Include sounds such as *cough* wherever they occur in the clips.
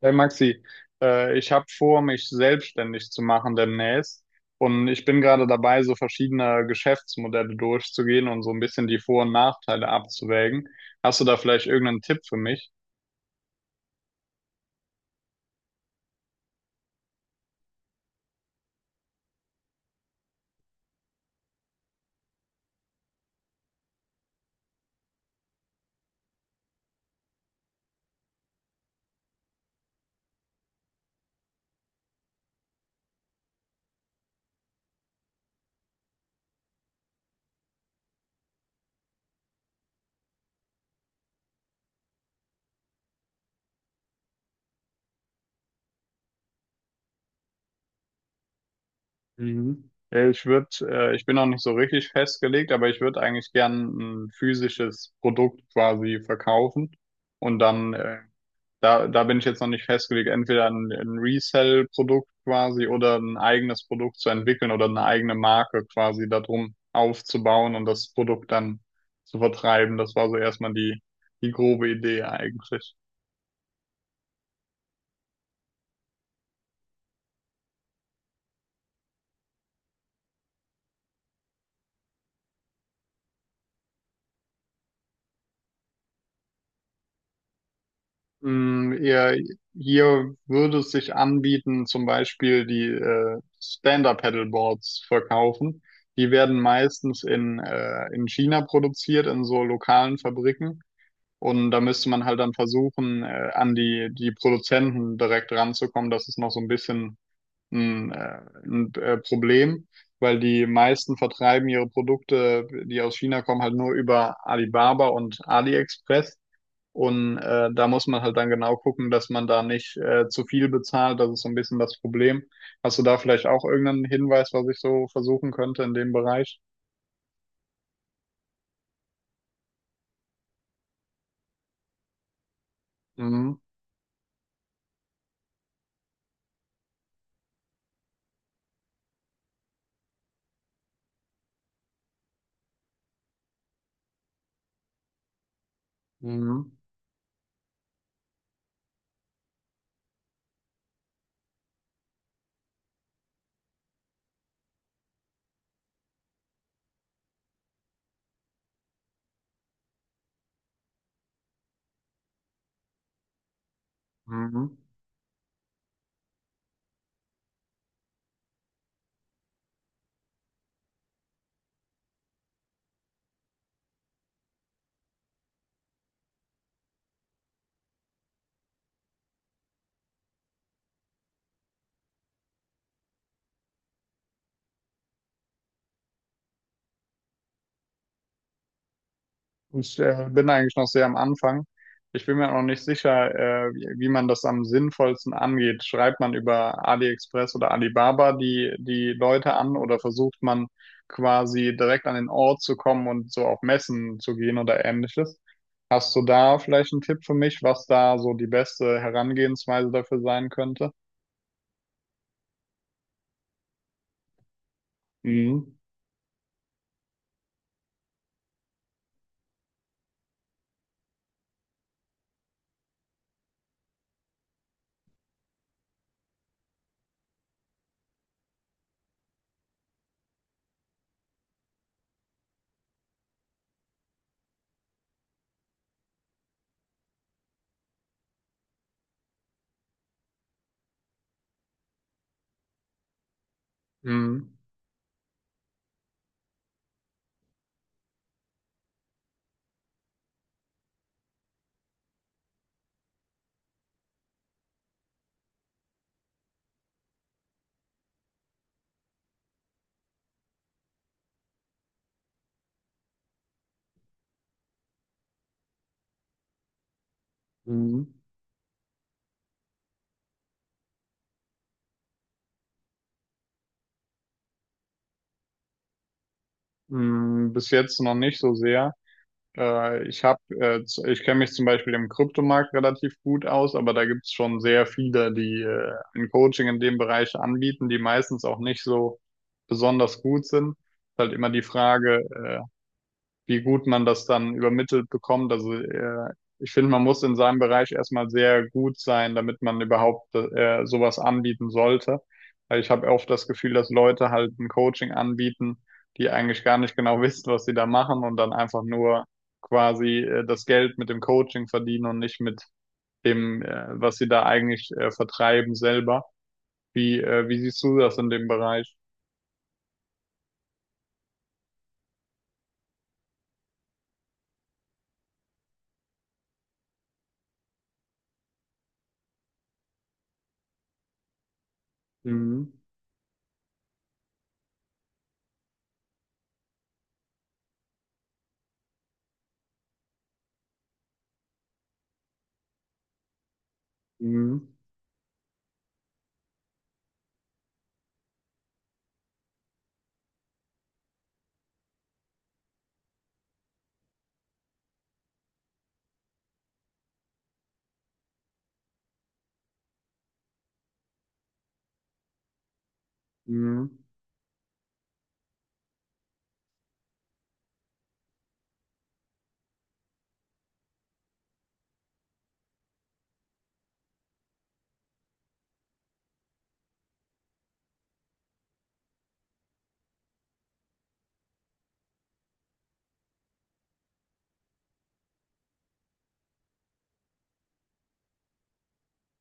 Hey Maxi, ich habe vor, mich selbstständig zu machen demnächst, und ich bin gerade dabei, so verschiedene Geschäftsmodelle durchzugehen und so ein bisschen die Vor- und Nachteile abzuwägen. Hast du da vielleicht irgendeinen Tipp für mich? Mhm. Ja, ich würde, ich bin noch nicht so richtig festgelegt, aber ich würde eigentlich gern ein physisches Produkt quasi verkaufen und dann da, bin ich jetzt noch nicht festgelegt, entweder ein Resell-Produkt quasi oder ein eigenes Produkt zu entwickeln oder eine eigene Marke quasi darum aufzubauen und das Produkt dann zu vertreiben. Das war so erstmal die, die grobe Idee eigentlich. Mm, ihr, hier würde es sich anbieten, zum Beispiel die Stand-Up-Paddleboards verkaufen. Die werden meistens in China produziert, in so lokalen Fabriken. Und da müsste man halt dann versuchen, an die, die Produzenten direkt ranzukommen. Das ist noch so ein bisschen ein Problem, weil die meisten vertreiben ihre Produkte, die aus China kommen, halt nur über Alibaba und AliExpress. Und da muss man halt dann genau gucken, dass man da nicht zu viel bezahlt. Das ist so ein bisschen das Problem. Hast du da vielleicht auch irgendeinen Hinweis, was ich so versuchen könnte in dem Bereich? Mhm. Mhm. Mhm. Ich bin eigentlich noch sehr am Anfang. Ich bin mir auch noch nicht sicher, wie, wie man das am sinnvollsten angeht. Schreibt man über AliExpress oder Alibaba die, die Leute an oder versucht man quasi direkt an den Ort zu kommen und so auf Messen zu gehen oder ähnliches? Hast du da vielleicht einen Tipp für mich, was da so die beste Herangehensweise dafür sein könnte? Mhm. Mhm. Mhm. Mhm. Bis jetzt noch nicht so sehr. Ich habe, ich kenne mich zum Beispiel im Kryptomarkt relativ gut aus, aber da gibt es schon sehr viele, die ein Coaching in dem Bereich anbieten, die meistens auch nicht so besonders gut sind. Ist halt immer die Frage, wie gut man das dann übermittelt bekommt. Also ich finde, man muss in seinem Bereich erstmal sehr gut sein, damit man überhaupt sowas anbieten sollte. Weil ich habe oft das Gefühl, dass Leute halt ein Coaching anbieten, die eigentlich gar nicht genau *laughs* wissen, was sie da machen und dann einfach nur quasi das Geld mit dem Coaching verdienen und nicht mit dem, was sie da eigentlich vertreiben selber. Wie, wie siehst du das in dem Bereich? Mhm. Mhm. Mhm.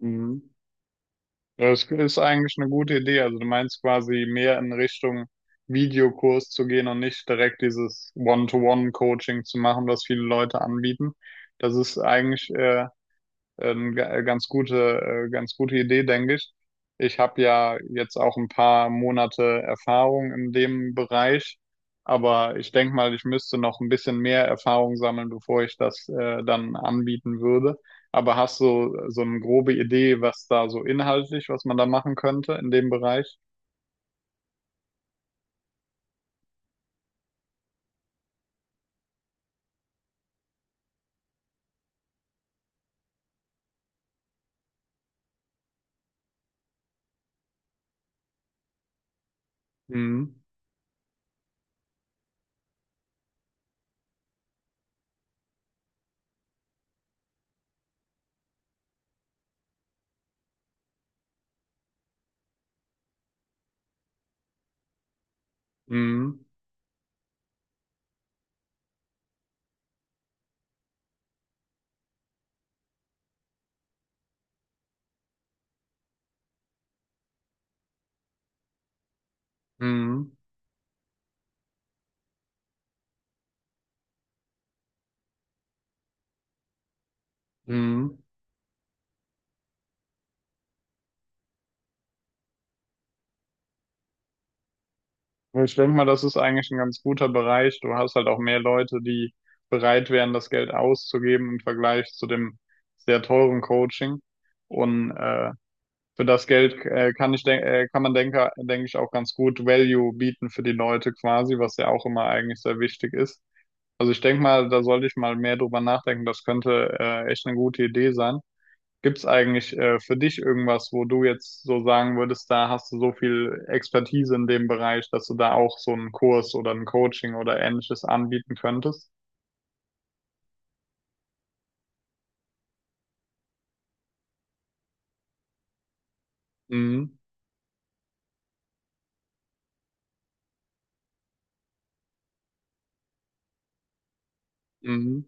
Mhm. Ja, das ist eigentlich eine gute Idee. Also du meinst quasi mehr in Richtung Videokurs zu gehen und nicht direkt dieses One-to-One-Coaching zu machen, was viele Leute anbieten. Das ist eigentlich ganz ganz gute Idee, denke ich. Ich habe ja jetzt auch ein paar Monate Erfahrung in dem Bereich, aber ich denke mal, ich müsste noch ein bisschen mehr Erfahrung sammeln, bevor ich das dann anbieten würde. Aber hast du so eine grobe Idee, was da so inhaltlich, was man da machen könnte in dem Bereich? Mhm. Mhm. Mhm. Mhm. Ich denke mal, das ist eigentlich ein ganz guter Bereich. Du hast halt auch mehr Leute, die bereit wären, das Geld auszugeben im Vergleich zu dem sehr teuren Coaching. Und für das Geld kann man denke ich auch ganz gut Value bieten für die Leute quasi, was ja auch immer eigentlich sehr wichtig ist. Also ich denke mal, da sollte ich mal mehr drüber nachdenken. Das könnte echt eine gute Idee sein. Gibt's eigentlich für dich irgendwas, wo du jetzt so sagen würdest, da hast du so viel Expertise in dem Bereich, dass du da auch so einen Kurs oder ein Coaching oder ähnliches anbieten könntest? Mhm. Mhm.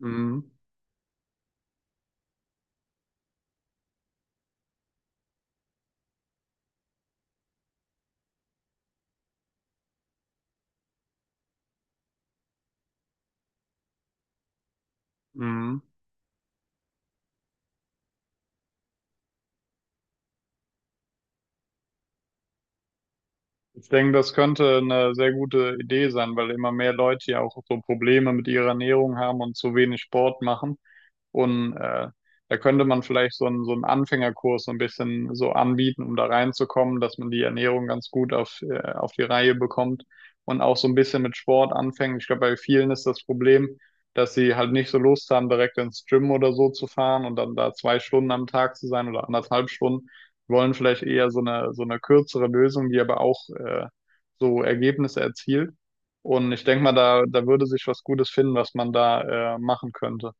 Mhm. Mhm. Ich denke, das könnte eine sehr gute Idee sein, weil immer mehr Leute ja auch so Probleme mit ihrer Ernährung haben und zu wenig Sport machen. Und da könnte man vielleicht so einen Anfängerkurs so ein bisschen so anbieten, um da reinzukommen, dass man die Ernährung ganz gut auf die Reihe bekommt und auch so ein bisschen mit Sport anfängt. Ich glaube, bei vielen ist das Problem, dass sie halt nicht so Lust haben, direkt ins Gym oder so zu fahren und dann da 2 Stunden am Tag zu sein oder 1,5 Stunden. Wollen vielleicht eher so eine kürzere Lösung, die aber auch so Ergebnisse erzielt. Und ich denke mal, da, da würde sich was Gutes finden, was man da machen könnte.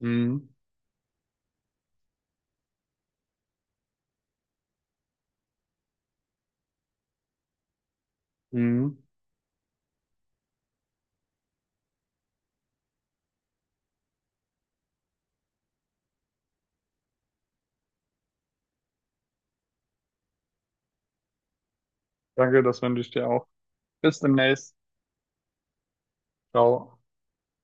Mhm. Mhm. Danke, das wünsche ich dir auch. Bis demnächst. Ciao.